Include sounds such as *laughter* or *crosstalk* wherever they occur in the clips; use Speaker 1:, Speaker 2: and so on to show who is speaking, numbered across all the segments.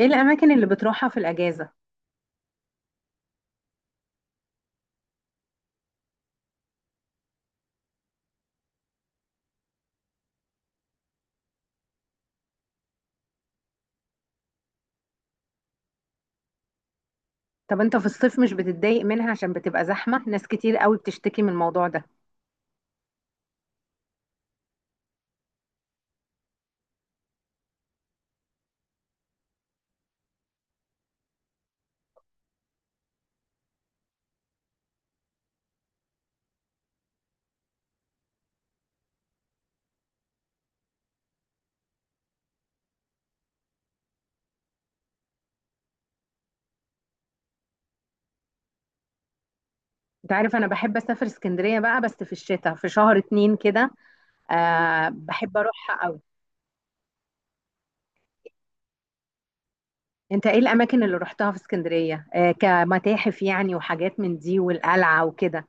Speaker 1: ايه الاماكن اللي بتروحها في الاجازه؟ طب انت في الصيف مش بتتضايق منها؟ عشان بتبقى زحمه، ناس كتير قوي بتشتكي من الموضوع ده. انت عارف، انا بحب اسافر اسكندريه بقى بس في الشتاء، في شهر 2 كده. آه، بحب اروحها قوي. انت ايه الاماكن اللي روحتها في اسكندريه؟ آه، كمتاحف يعني وحاجات من دي والقلعه وكده؟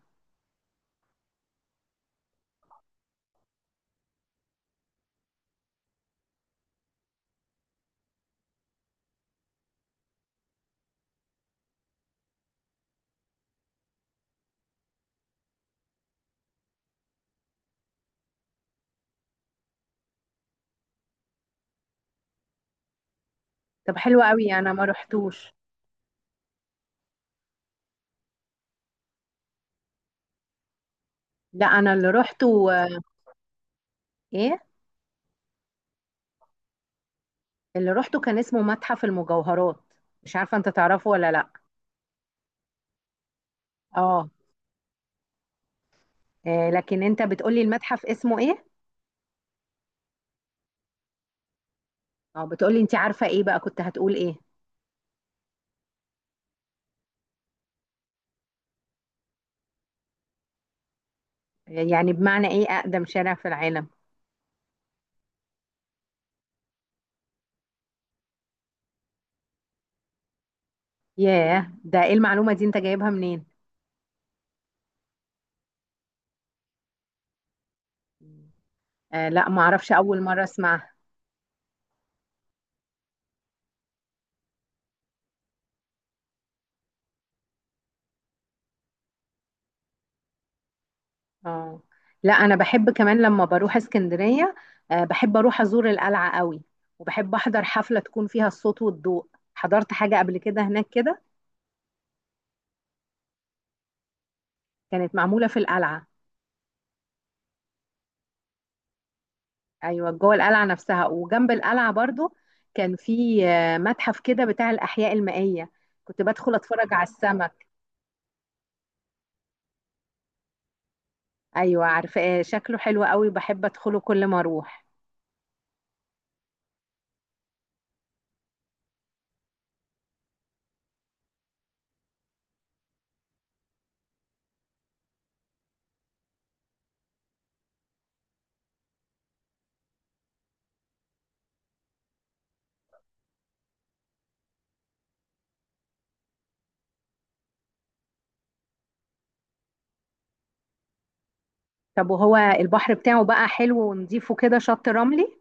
Speaker 1: طب حلو قوي. انا ما روحتوش. لا انا اللي روحته. ايه؟ اللي روحته كان اسمه متحف المجوهرات. مش عارفه انت تعرفه ولا لا؟ اه. لكن انت بتقولي المتحف اسمه ايه؟ اه بتقولي، انت عارفة ايه بقى كنت هتقول ايه؟ يعني بمعنى ايه اقدم شارع في العالم؟ ياه، ده ايه المعلومة دي؟ انت جايبها منين؟ لا، ما اعرفش، اول مرة اسمعها. اه، لا انا بحب كمان لما بروح اسكندرية. آه، بحب اروح ازور القلعة قوي. وبحب احضر حفلة تكون فيها الصوت والضوء. حضرت حاجة قبل كده هناك كده؟ كانت معمولة في القلعة. ايوه، جوه القلعة نفسها، وجنب القلعة برضو. كان في متحف كده بتاع الاحياء المائية. كنت بدخل اتفرج على السماء. ايوه عارفة، شكله حلو قوي، بحب ادخله كل ما اروح. طب وهو البحر بتاعه بقى حلو ونضيفه كده؟ شط رملي؟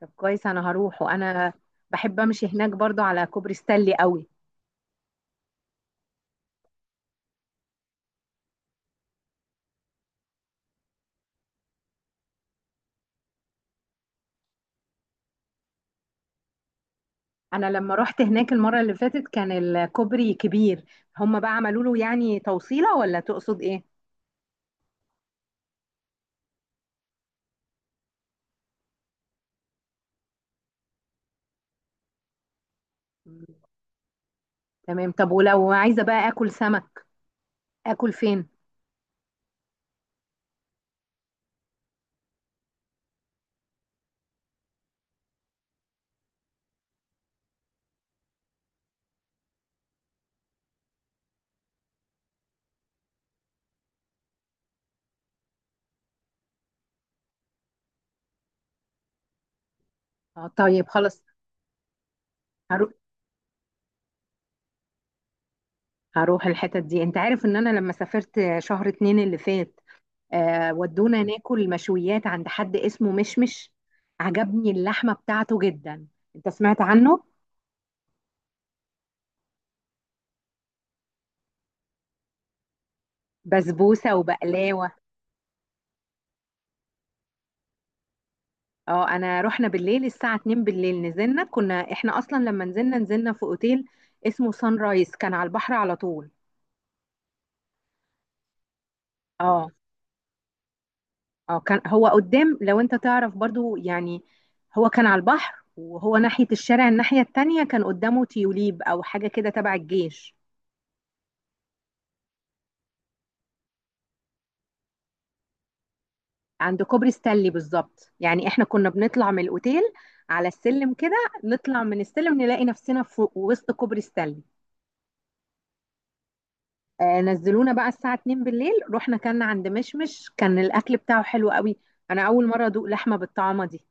Speaker 1: طب كويس، انا هروح. وانا بحب امشي هناك برضو على كوبري ستانلي قوي. انا لما رحت هناك المرة اللي فاتت كان الكوبري كبير. هم بقى عملوا له يعني توصيلة، ولا تقصد ايه؟ مم. تمام، طب ولو عايزة بقى اكل سمك، اكل فين؟ اه طيب خلاص. هروح هروح الحتت دي. انت عارف ان انا لما سافرت شهر 2 اللي فات، ودونا ناكل مشويات عند حد اسمه مشمش. عجبني اللحمة بتاعته جدا. انت سمعت عنه؟ بسبوسة وبقلاوة. اه، انا رحنا بالليل الساعة 2 بالليل. نزلنا كنا احنا اصلا، لما نزلنا في اوتيل اسمه سان رايز، كان على البحر على طول. اه، اه، كان هو قدام لو انت تعرف برضو يعني. هو كان على البحر، وهو ناحية الشارع الناحية التانية كان قدامه تيوليب او حاجة كده تبع الجيش. عند كوبري ستانلي بالظبط يعني. احنا كنا بنطلع من الاوتيل على السلم كده، نطلع من السلم نلاقي نفسنا في وسط كوبري ستانلي. نزلونا بقى الساعة 2 بالليل. رحنا كنا عند مشمش، كان الأكل بتاعه حلو قوي. أنا أول مرة أدوق لحمة بالطعمة دي.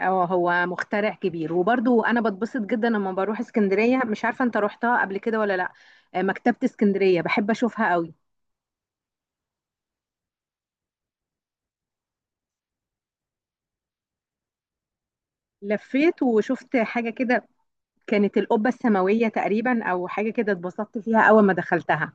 Speaker 1: اه، هو مخترع كبير. وبرضو أنا بتبسط جدا لما بروح اسكندرية. مش عارفة أنت روحتها قبل كده ولا لأ؟ آه، مكتبة اسكندرية بحب أشوفها قوي. لفيت وشفت حاجة كده. كانت القبة السماوية تقريبا أو حاجة كده، اتبسطت فيها أول ما دخلتها.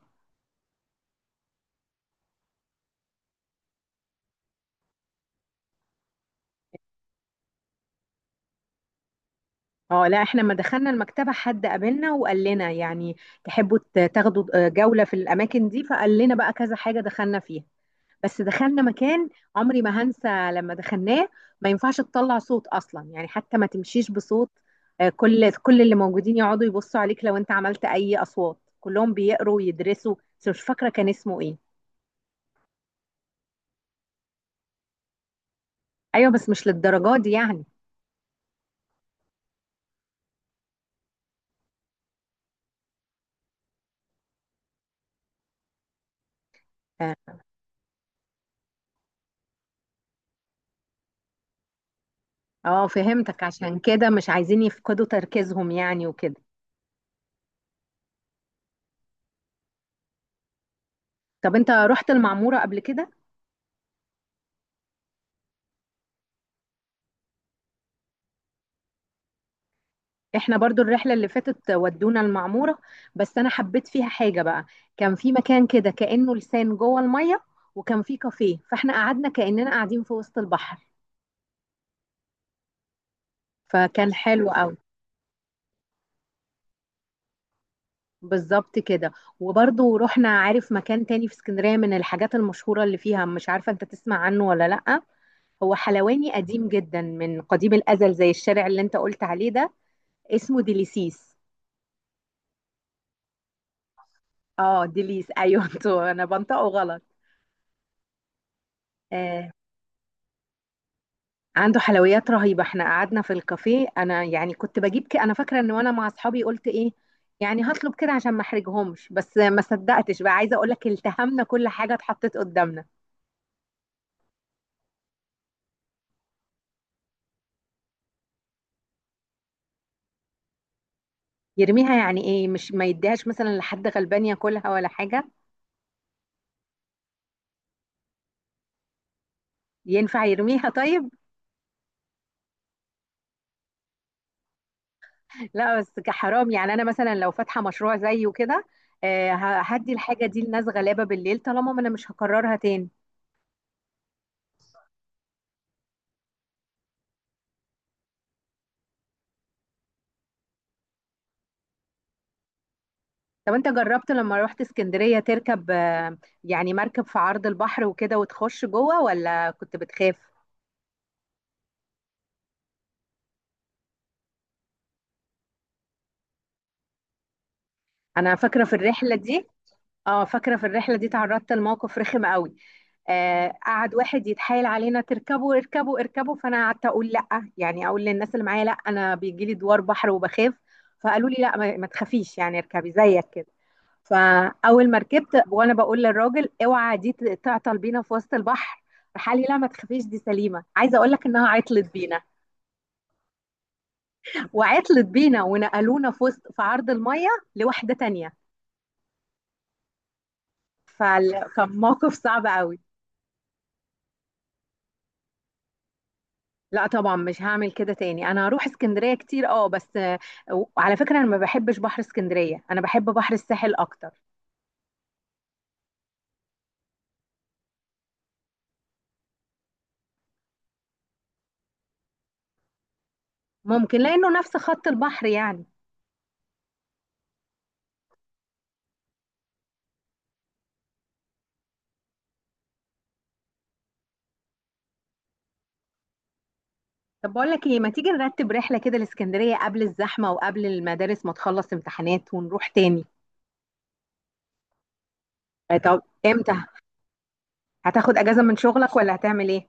Speaker 1: اه، لا احنا لما دخلنا المكتبة حد قابلنا وقال لنا يعني: تحبوا تاخدوا جولة في الأماكن دي؟ فقال لنا بقى كذا حاجة، دخلنا فيها. بس دخلنا مكان عمري ما هنسى لما دخلناه. ما ينفعش تطلع صوت أصلا يعني، حتى ما تمشيش بصوت. كل اللي موجودين يقعدوا يبصوا عليك لو انت عملت أي أصوات. كلهم بيقروا ويدرسوا، بس مش فاكرة كان اسمه ايه. ايوه بس مش للدرجة دي يعني. اه، فهمتك. عشان كده مش عايزين يفقدوا تركيزهم يعني وكده. طب انت رحت المعمورة قبل كده؟ احنا برضو الرحلة اللي فاتت ودونا المعمورة. بس انا حبيت فيها حاجة بقى. كان في مكان كده كأنه لسان جوه المية، وكان في كافيه، فاحنا قعدنا كأننا قاعدين في وسط البحر. فكان حلو قوي. بالظبط كده. وبرضو رحنا. عارف مكان تاني في اسكندرية من الحاجات المشهورة اللي فيها؟ مش عارفة انت تسمع عنه ولا لأ. هو حلواني قديم جدا من قديم الأزل، زي الشارع اللي انت قلت عليه ده. اسمه ديليسيس. اه، ديليس، ايوه *laughs* انتوا، انا بنطقه غلط. آه، عنده حلويات رهيبة. احنا قعدنا في الكافيه انا يعني، كنت بجيب كده. انا فاكرة ان وانا مع اصحابي قلت: ايه يعني هطلب كده عشان ما احرجهمش؟ بس ما صدقتش، بقى عايزة اقول لك، التهمنا كل حاجة اتحطت قدامنا. يرميها يعني ايه؟ مش ما يديهاش مثلا لحد غلبان ياكلها ولا حاجة؟ ينفع يرميها طيب؟ لا بس كحرام يعني. انا مثلا لو فاتحة مشروع زيه كده، هدي الحاجة دي لناس غلابة بالليل، طالما ما انا مش هكررها تاني. طب انت جربت لما رحت اسكندرية تركب، يعني مركب في عرض البحر وكده وتخش جوه، ولا كنت بتخاف؟ انا فاكرة في الرحلة دي. اه، فاكرة في الرحلة دي تعرضت لموقف رخم قوي. قعد واحد يتحايل علينا: تركبوا، اركبوا، اركبوا. فانا قعدت اقول لا يعني، اقول للناس اللي معايا: لا انا بيجي لي دوار بحر وبخاف. فقالوا لي: لا، ما تخافيش يعني، اركبي زيك كده. فاول ما ركبت وانا بقول للراجل: اوعى دي تعطل بينا في وسط البحر. راح قال لي: لا ما تخافيش دي سليمه. عايزه اقول لك انها عطلت بينا، وعطلت بينا، ونقلونا في عرض الميه لواحده تانية. فكان موقف صعب قوي. لا طبعا مش هعمل كده تاني، انا هروح اسكندريه كتير، اه بس. وعلى فكره، انا ما بحبش بحر اسكندريه، انا بحب بحر الساحل اكتر. ممكن لانه نفس خط البحر يعني. طب بقول لك ايه، ما تيجي نرتب رحله كده الاسكندريه قبل الزحمه، وقبل المدارس ما تخلص امتحانات، ونروح تاني؟ طب امتى؟ هتاخد اجازه من شغلك ولا هتعمل ايه؟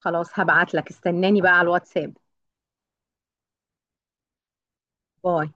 Speaker 1: خلاص هبعت لك، استناني بقى على الواتساب. باي.